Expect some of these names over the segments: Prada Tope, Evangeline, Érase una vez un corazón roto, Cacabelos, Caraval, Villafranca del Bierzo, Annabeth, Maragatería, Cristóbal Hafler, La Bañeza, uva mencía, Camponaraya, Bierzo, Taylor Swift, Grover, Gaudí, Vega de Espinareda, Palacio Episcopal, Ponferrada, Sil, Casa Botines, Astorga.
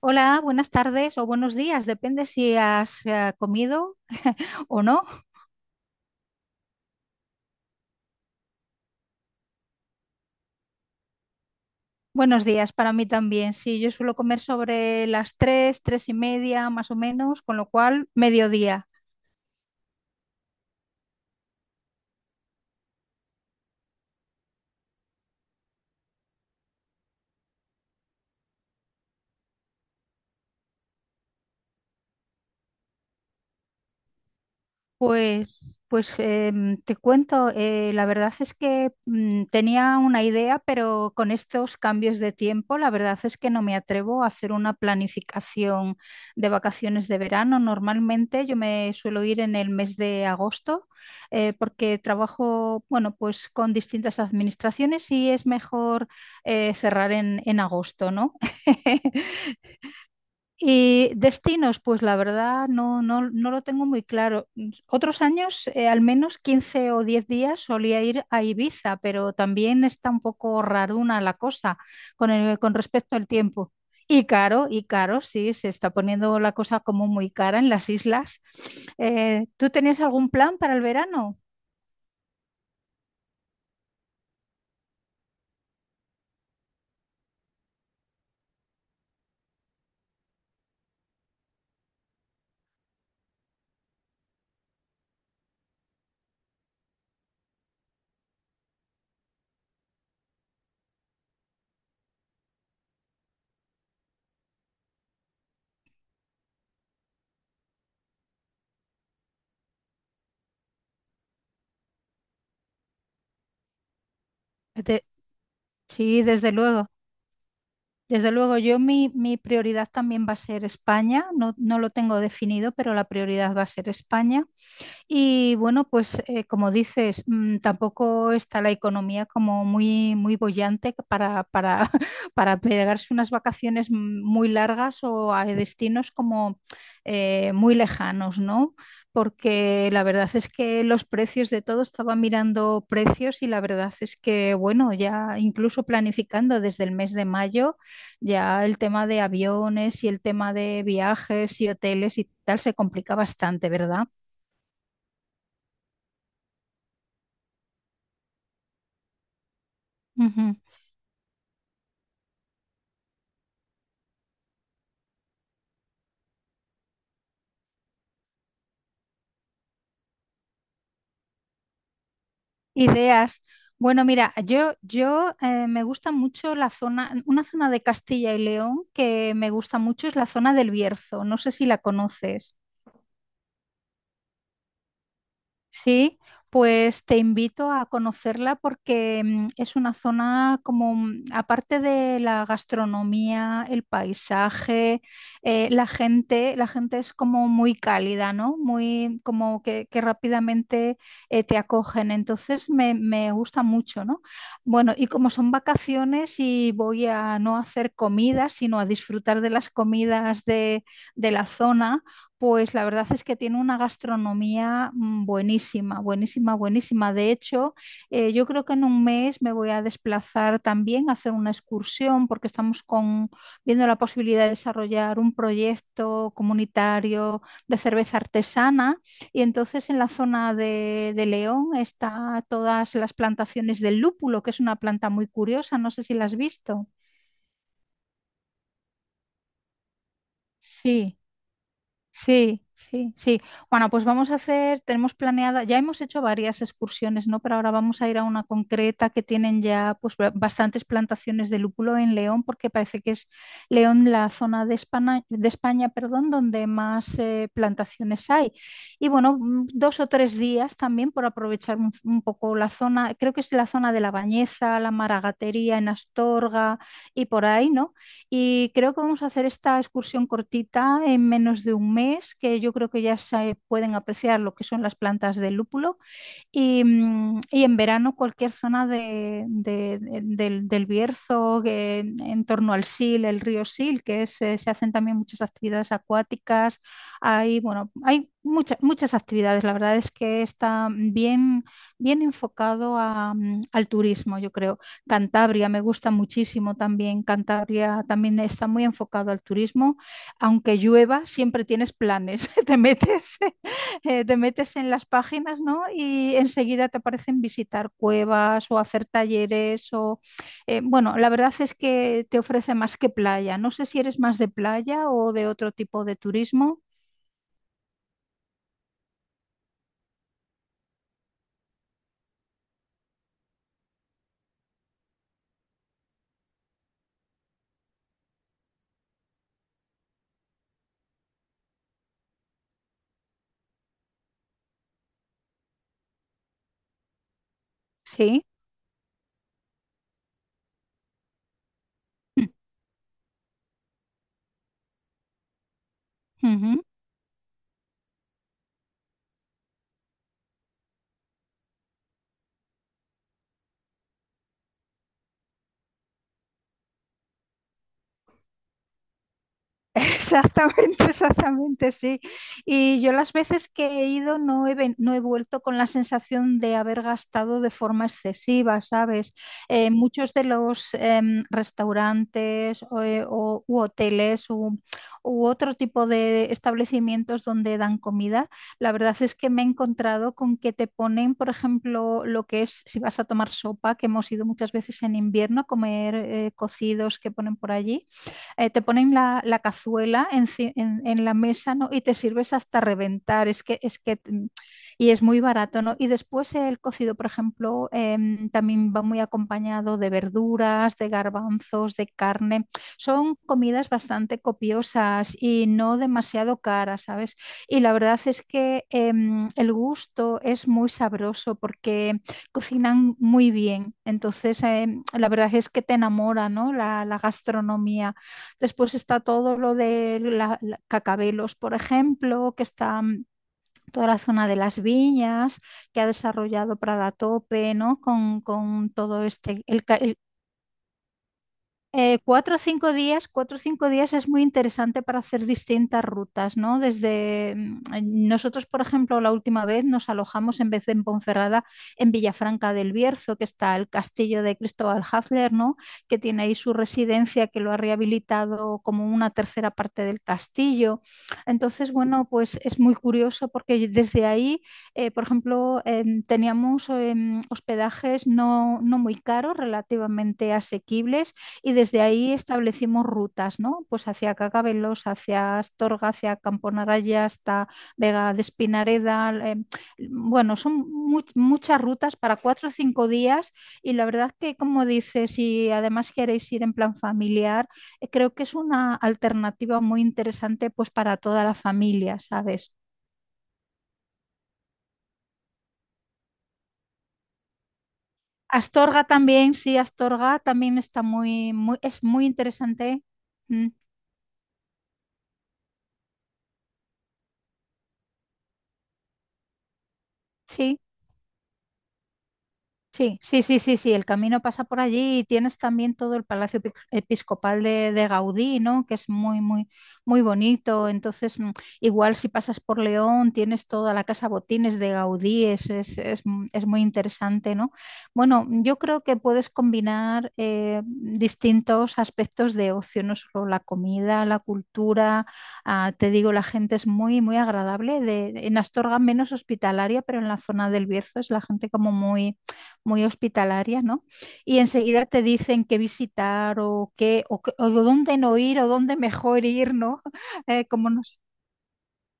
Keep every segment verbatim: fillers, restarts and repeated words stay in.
Hola, buenas tardes o buenos días, depende si has eh, comido o no. Buenos días para mí también. Sí, yo suelo comer sobre las tres, tres y media más o menos, con lo cual mediodía. Pues, pues em, te cuento, eh, la verdad es que mm, tenía una idea, pero con estos cambios de tiempo, la verdad es que no me atrevo a hacer una planificación de vacaciones de verano. Normalmente yo me suelo ir en el mes de agosto, eh, porque trabajo, bueno, pues con distintas administraciones y es mejor eh, cerrar en, en agosto, ¿no? Y destinos, pues la verdad no, no, no lo tengo muy claro. Otros años, eh, al menos quince o diez días solía ir a Ibiza, pero también está un poco raruna la cosa con el- con respecto al tiempo. Y caro, y caro, sí, se está poniendo la cosa como muy cara en las islas. Eh, ¿tú tenías algún plan para el verano? De- sí, desde luego. Desde luego, yo mi, mi prioridad también va a ser España. No, no lo tengo definido, pero la prioridad va a ser España. Y bueno, pues eh, como dices, mm, tampoco está la economía como muy, muy boyante para, para, para pegarse unas vacaciones mm, muy largas o a destinos como eh, muy lejanos, ¿no? Porque la verdad es que los precios de todo, estaba mirando precios y la verdad es que, bueno, ya incluso planificando desde el mes de mayo, ya el tema de aviones y el tema de viajes y hoteles y tal se complica bastante, ¿verdad? Ujú. Ideas. Bueno, mira, yo, yo eh, me gusta mucho la zona, una zona de Castilla y León que me gusta mucho es la zona del Bierzo. No sé si la conoces. Sí, pues te invito a conocerla porque mm, es una zona como, mm, aparte de la gastronomía, el paisaje, eh, la gente, la gente es como muy cálida, ¿no? Muy como que, que rápidamente eh, te acogen. Entonces me, me gusta mucho, ¿no? Bueno, y como son vacaciones y voy a no hacer comida, sino a disfrutar de las comidas de, de la zona pues la verdad es que tiene una gastronomía mm, buenísima, buenísima, buenísima. De hecho, eh, yo creo que en un mes me voy a desplazar también a hacer una excursión porque estamos con, viendo la posibilidad de desarrollar un proyecto comunitario de cerveza artesana. Y entonces en la zona de, de León está todas las plantaciones del lúpulo, que es una planta muy curiosa. No sé si la has visto. Sí. Sí, sí, sí. Bueno, pues vamos a hacer, tenemos planeada, ya hemos hecho varias excursiones, ¿no? Pero ahora vamos a ir a una concreta que tienen ya pues ba- bastantes plantaciones de lúpulo en León, porque parece que es León la zona de España, de España, perdón, donde más eh, plantaciones hay. Y bueno, mm, dos o tres días también por aprovechar un, un poco la zona, creo que es la zona de La Bañeza, la Maragatería en Astorga y por ahí, ¿no? Y creo que vamos a hacer esta excursión cortita en menos de un mes, que yo creo que ya se pueden apreciar lo que son las plantas de lúpulo. Y, mm, y en verano cualquier zona de- de- de- del, del Bierzo, que en en torno al Sil, el río Sil, que es, eh, se hacen también muchas actividades acuáticas. Hay, bueno, hay muchas, muchas actividades. La verdad es que está bien, bien enfocado a, mm, al turismo, yo creo. Cantabria me gusta muchísimo también. Cantabria también está muy enfocado al turismo. Aunque llueva, siempre tienes planes. Te metes eh, te metes en las páginas, ¿no? Y enseguida te aparecen visitar cuevas o hacer talleres o… eh, bueno, la verdad es que te ofrece más que playa. No sé si eres más de playa o de otro tipo de turismo. Sí. Ujú. Exactamente, exactamente, sí. Y yo las veces que he ido no he, ven- no he vuelto con la sensación de haber gastado de forma excesiva, ¿sabes? Eh, muchos de los em, restaurantes o, eh, o- u hoteles u, u otro tipo de establecimientos donde dan comida, la verdad es que me he encontrado con que te ponen, por ejemplo, lo que es, si vas a tomar sopa, que hemos ido muchas veces en invierno a comer eh, cocidos que ponen por allí eh, te ponen la, la cazuela enci- en, en la mesa, ¿no? Y te sirves hasta reventar, es que, es que, mm, y es muy barato, ¿no? Y después el cocido, por ejemplo, em, también va muy acompañado de verduras, de garbanzos, de carne. Son comidas bastante copiosas y no demasiado caras, ¿sabes? Y la verdad es que em, el gusto es muy sabroso porque cocinan muy bien. Entonces, em, la verdad es que te enamora, ¿no? La, la gastronomía. Después está todo lo de la- la- Cacabelos, por ejemplo, que está mm, toda la zona de las viñas, que ha desarrollado Prada Tope, ¿no? Con, con todo este, el, ca- el- eh, cuatro o cinco días, cuatro o cinco días es muy interesante para hacer distintas rutas, ¿no? Desde mm, eh, nosotros, por ejemplo, la última vez nos alojamos en vez de en Ponferrada, en Villafranca del Bierzo, que está el castillo de Cristóbal Hafler, ¿no? Que tiene ahí su residencia, que lo ha rehabilitado como una tercera parte del castillo. Entonces, bueno, pues es muy curioso porque desde ahí, eh, por ejemplo, em, teníamos em, hospedajes no, no muy caros, relativamente asequibles y desde ahí establecimos rutas, ¿no? Pues hacia Cacabelos, hacia Astorga, hacia Camponaraya, hasta Vega de Espinareda. eh, bueno, son mu- muchas rutas para cuatro o cinco días y la verdad que, como dices, si además queréis ir en plan familiar, eh, creo que es una alternativa muy interesante pues para toda la familia, ¿sabes? Astorga también, sí, Astorga también está muy, muy, es muy interesante. Mm, sí. Sí, sí, sí, sí, sí, el camino pasa por allí y tienes también todo el Palacio Epi- Episcopal de, de Gaudí, ¿no? Que es muy, muy, muy bonito. Entonces, mm, igual si pasas por León, tienes toda la Casa Botines de Gaudí, es, es, es m- es muy interesante, ¿no? Bueno, yo creo que puedes combinar eh, distintos aspectos de ocio, no solo la comida, la cultura, ah, te digo, la gente es muy, muy agradable. De, en Astorga menos hospitalaria, pero en la zona del Bierzo es la gente como muy muy hospitalaria, ¿no? Y enseguida te dicen qué visitar o qué, o, qué- o dónde no ir o dónde mejor ir, ¿no? Eh, como nos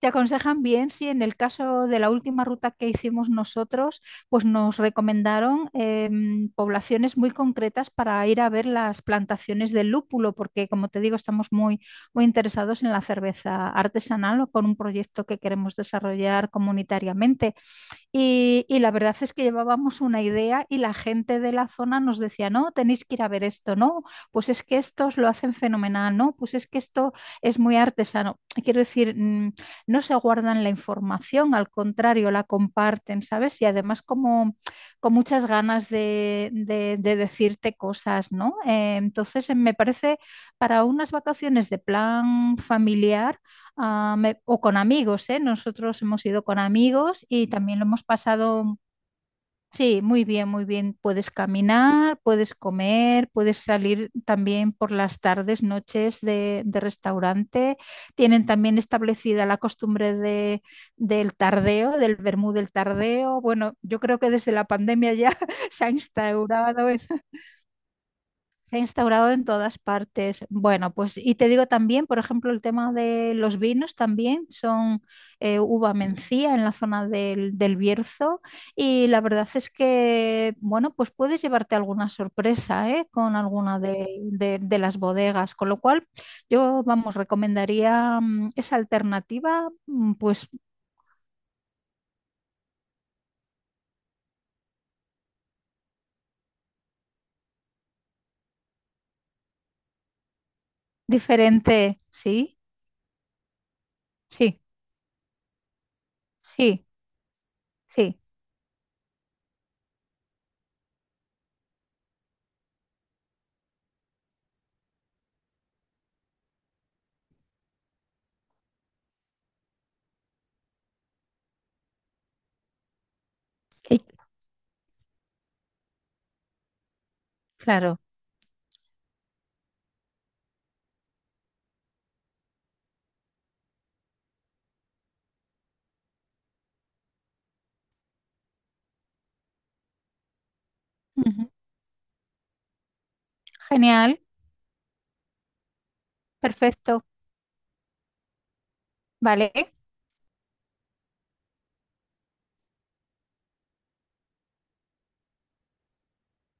te aconsejan bien, sí, en el caso de la última ruta que hicimos nosotros, pues nos recomendaron em, poblaciones muy concretas para ir a ver las plantaciones del lúpulo, porque como te digo, estamos muy, muy interesados en la cerveza artesanal o con un proyecto que queremos desarrollar comunitariamente. Y, y la verdad es que llevábamos una idea y la gente de la zona nos decía, no, tenéis que ir a ver esto, no, pues es que estos lo hacen fenomenal, no, pues es que esto es muy artesano. Quiero decir, mm, no se guardan la información, al contrario, la comparten, ¿sabes? Y además como con muchas ganas de, de- de decirte cosas, ¿no? Eh, entonces eh, me parece para unas vacaciones de plan familiar, ah, me- o con amigos, ¿eh? Nosotros hemos ido con amigos y también lo hemos pasado, sí, muy bien, muy bien. Puedes caminar, puedes comer, puedes salir también por las tardes, noches de, de restaurante. Tienen también establecida la costumbre de, del tardeo, del vermú del tardeo. Bueno, yo creo que desde la pandemia ya se ha instaurado. Se ha instaurado en todas partes. Bueno, pues y te digo también, por ejemplo, el tema de los vinos también son eh, uva mencía en la zona del, del Bierzo y la verdad es que, bueno, pues puedes llevarte alguna sorpresa ¿eh? Con alguna de, de- de las bodegas, con lo cual yo, vamos, recomendaría mm, esa alternativa, mm, pues diferente, sí, sí, sí, sí, Y- claro. Ujú. Genial, perfecto, vale.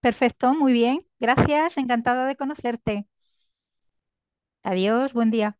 Perfecto, muy bien. Gracias, encantada de conocerte. Adiós, buen día.